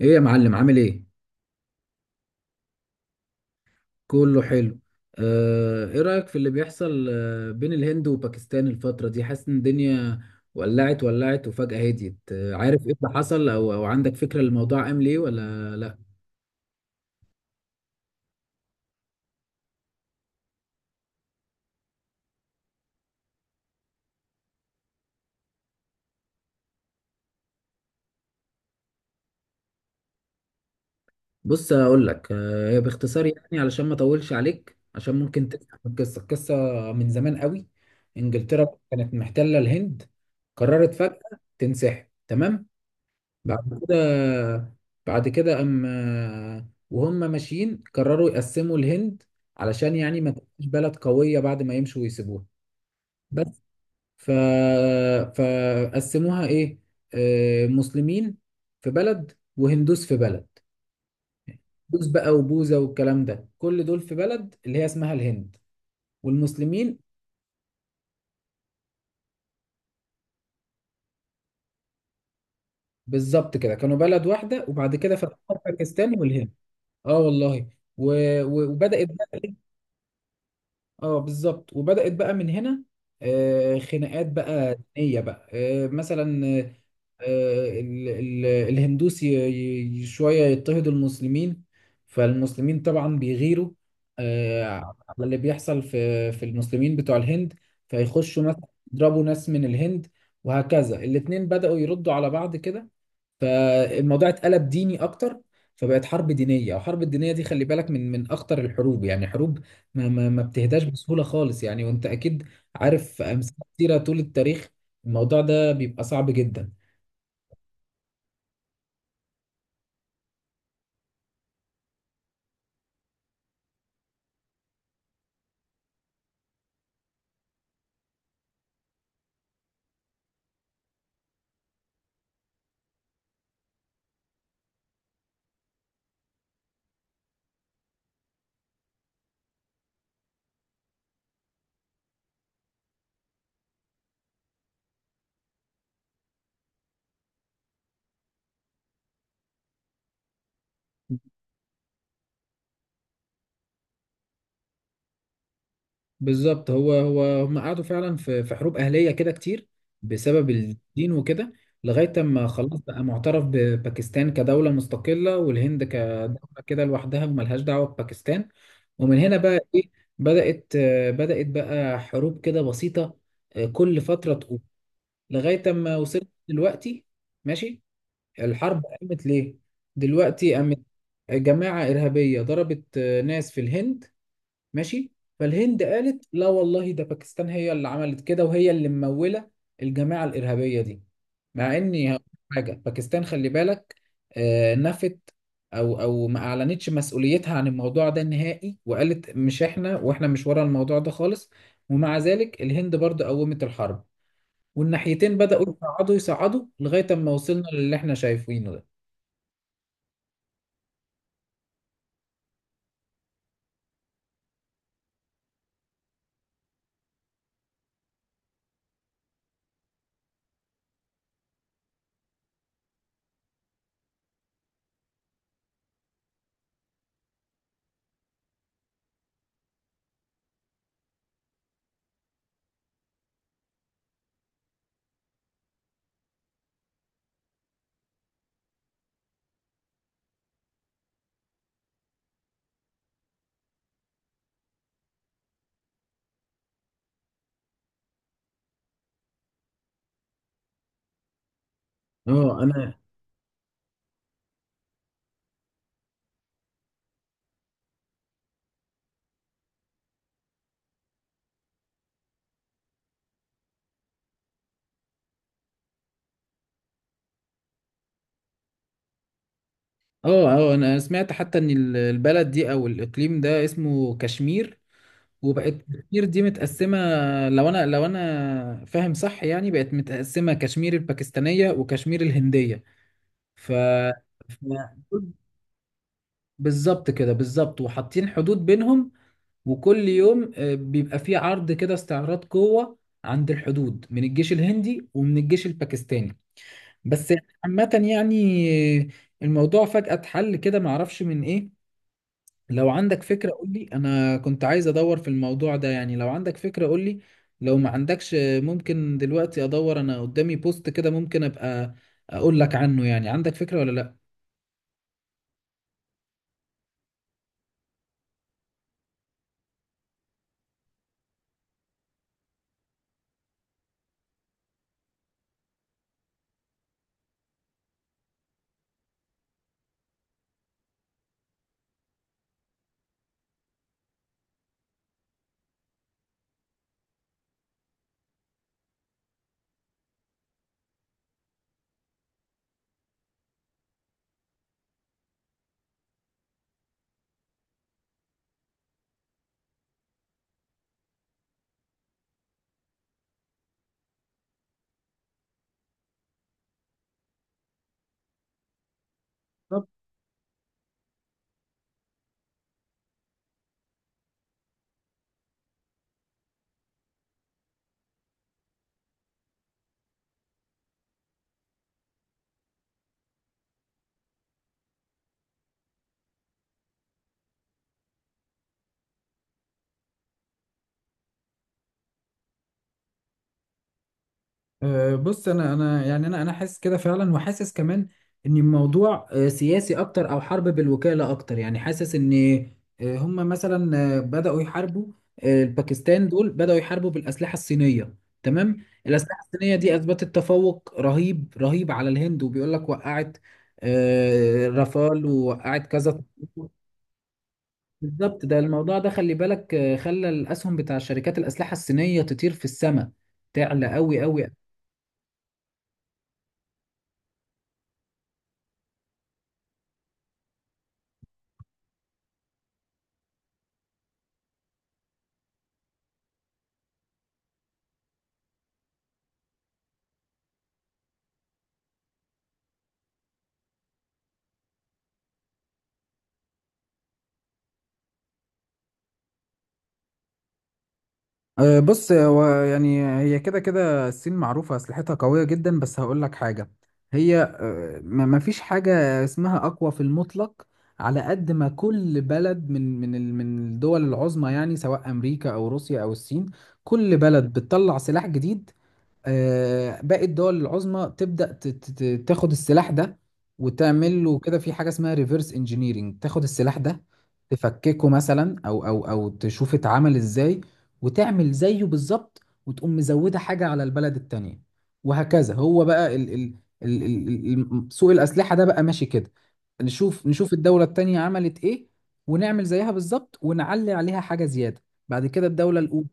ايه يا معلم، عامل ايه؟ كله حلو. ايه رأيك في اللي بيحصل بين الهند وباكستان الفترة دي؟ حاسس ان الدنيا ولعت ولعت وفجأة هديت. عارف ايه اللي حصل، او عندك فكرة الموضوع قام ليه ولا لا؟ بص اقول لك، هي باختصار يعني، علشان ما اطولش عليك، عشان ممكن تسمع القصة. من زمان قوي انجلترا كانت محتلة الهند. قررت فجأة تنسحب. تمام. بعد كده، بعد كده أما وهم ماشيين قرروا يقسموا الهند، علشان يعني ما تبقاش بلد قوية بعد ما يمشوا ويسيبوها. بس ف... فقسموها إيه، مسلمين في بلد وهندوس في بلد. هندوس بقى وبوذا والكلام ده، كل دول في بلد اللي هي اسمها الهند، والمسلمين. بالظبط كده، كانوا بلد واحدة وبعد كده فتحوا باكستان والهند. اه والله. و... وبدأت بقى. اه بالظبط، وبدأت بقى من هنا. خناقات بقى دينية بقى. مثلا الهندوس شوية يضطهد المسلمين، فالمسلمين طبعا بيغيروا، آه، على اللي بيحصل في المسلمين بتوع الهند، فيخشوا مثلا يضربوا ناس من الهند. وهكذا الاتنين بدأوا يردوا على بعض كده. فالموضوع اتقلب ديني اكتر، فبقت حرب دينيه. وحرب الدينيه دي خلي بالك، من اخطر الحروب، يعني حروب ما بتهداش بسهوله خالص، يعني وانت اكيد عارف امثله كتيره طول التاريخ. الموضوع ده بيبقى صعب جدا. بالظبط، هو هم قعدوا فعلا في حروب أهلية كده كتير، بسبب الدين وكده. لغاية ما خلاص بقى معترف بباكستان كدولة مستقلة، والهند كدولة كده لوحدها وملهاش دعوة بباكستان. ومن هنا بقى إيه، بدأت، بدأت بقى حروب كده بسيطة، كل فترة تقوم، لغاية ما وصلت دلوقتي. ماشي. الحرب قامت ليه؟ دلوقتي قامت جماعة إرهابية ضربت ناس في الهند. ماشي. فالهند قالت لا والله، ده باكستان هي اللي عملت كده، وهي اللي ممولة الجماعة الإرهابية دي. مع إني هقول حاجة، باكستان خلي بالك، نفت، أو ما أعلنتش مسؤوليتها عن الموضوع ده نهائي، وقالت مش إحنا، وإحنا مش ورا الموضوع ده خالص. ومع ذلك الهند برضه قومت الحرب، والناحيتين بدأوا يصعدوا لغاية أما وصلنا للي إحنا شايفينه ده. اه انا اه، انا سمعت حتى ان البلد دي او الاقليم ده اسمه كشمير، وبقت كشمير دي متقسمة. لو أنا فاهم صح يعني، بقت متقسمة، كشمير الباكستانية وكشمير الهندية. ف ف- بالظبط كده، بالظبط، وحاطين حدود بينهم. وكل يوم بيبقى فيه عرض كده، استعراض قوة عند الحدود من الجيش الهندي ومن الجيش الباكستاني. بس عامة يعني، آه، الموضوع فجأة اتحل كده، معرفش من إيه. لو عندك فكرة قول لي، أنا كنت عايز أدور في الموضوع ده. يعني لو عندك فكرة قول لي، لو ما عندكش ممكن دلوقتي أدور، أنا قدامي بوست كده ممكن أبقى أقول لك عنه. يعني عندك فكرة ولا لأ؟ أه، بص انا يعني، انا حاسس كده فعلا، وحاسس كمان ان الموضوع أه، سياسي اكتر، او حرب بالوكاله اكتر. يعني حاسس ان أه، هم مثلا بداوا يحاربوا، الباكستان دول بداوا يحاربوا بالاسلحه الصينيه. تمام. الاسلحه الصينيه دي اثبتت تفوق رهيب على الهند، وبيقول لك وقعت رافال ووقعت كذا بالظبط، ده الموضوع ده خلي بالك خلى الاسهم بتاع شركات الاسلحه الصينيه تطير في السماء، تعلى قوي. أه، بص هو يعني هي كده كده الصين معروفة أسلحتها قوية جدا. بس هقول لك حاجة، هي ما فيش حاجة اسمها أقوى في المطلق. على قد ما كل بلد من من الدول العظمى يعني، سواء أمريكا أو روسيا أو الصين، كل بلد بتطلع سلاح جديد، باقي الدول العظمى تبدأ تاخد السلاح ده، وتعمل له كده في حاجة اسمها ريفرس انجينيرنج. تاخد السلاح ده تفككه مثلا، او تشوف اتعمل ازاي، وتعمل زيه بالظبط، وتقوم مزودة حاجة على البلد التانية. وهكذا هو بقى ال ال سوق الأسلحة ده بقى ماشي كده. نشوف الدولة التانية عملت ايه، ونعمل زيها بالظبط ونعلي عليها حاجة زيادة، بعد كده الدولة الأولى.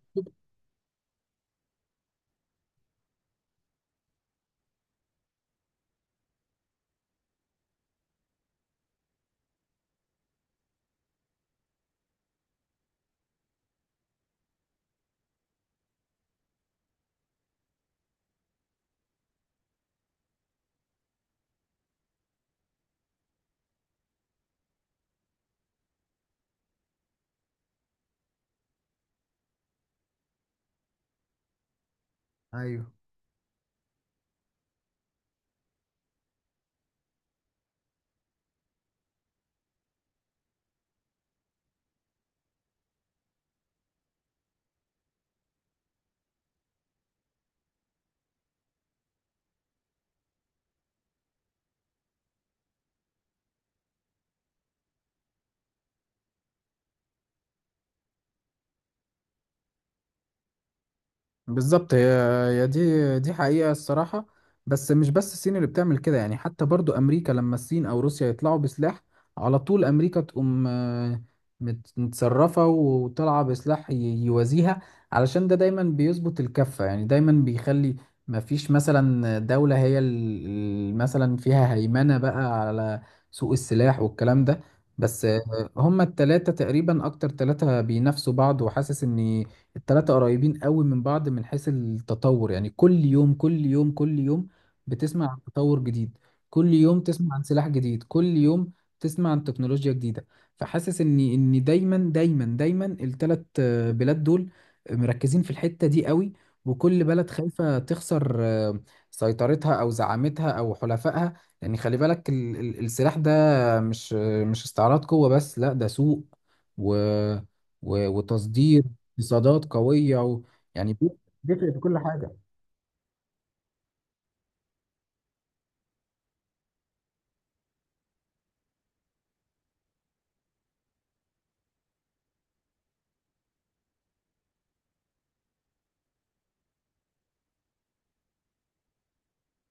ايوه بالظبط، هي دي حقيقة الصراحة. بس مش بس الصين اللي بتعمل كده، يعني حتى برضو أمريكا لما الصين أو روسيا يطلعوا بسلاح، على طول أمريكا تقوم متصرفة وطالعة بسلاح يوازيها، علشان ده دايما بيظبط الكفة. يعني دايما بيخلي مفيش مثلا دولة هي مثلا فيها هيمنة بقى على سوق السلاح والكلام ده. بس هما التلاتة تقريبا أكتر تلاتة بينافسوا بعض، وحاسس إن التلاتة قريبين قوي من بعض من حيث التطور. يعني كل يوم بتسمع عن تطور جديد، كل يوم تسمع عن سلاح جديد، كل يوم تسمع عن تكنولوجيا جديدة. فحاسس ان ان دايما التلات بلاد دول مركزين في الحتة دي قوي، وكل بلد خايفة تخسر سيطرتها او زعامتها او حلفائها. يعني خلي بالك السلاح ده مش، مش استعراض قوة بس، لا ده سوق و وتصدير، اقتصادات قوية يعني بيفرق في كل حاجة.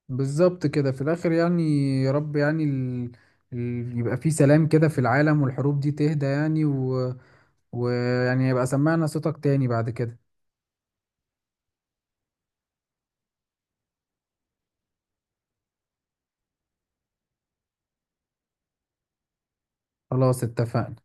بالظبط كده في الآخر يعني. يا رب يعني يبقى في سلام كده في العالم، والحروب دي تهدى يعني. ويعني يبقى سمعنا صوتك تاني بعد كده. خلاص اتفقنا.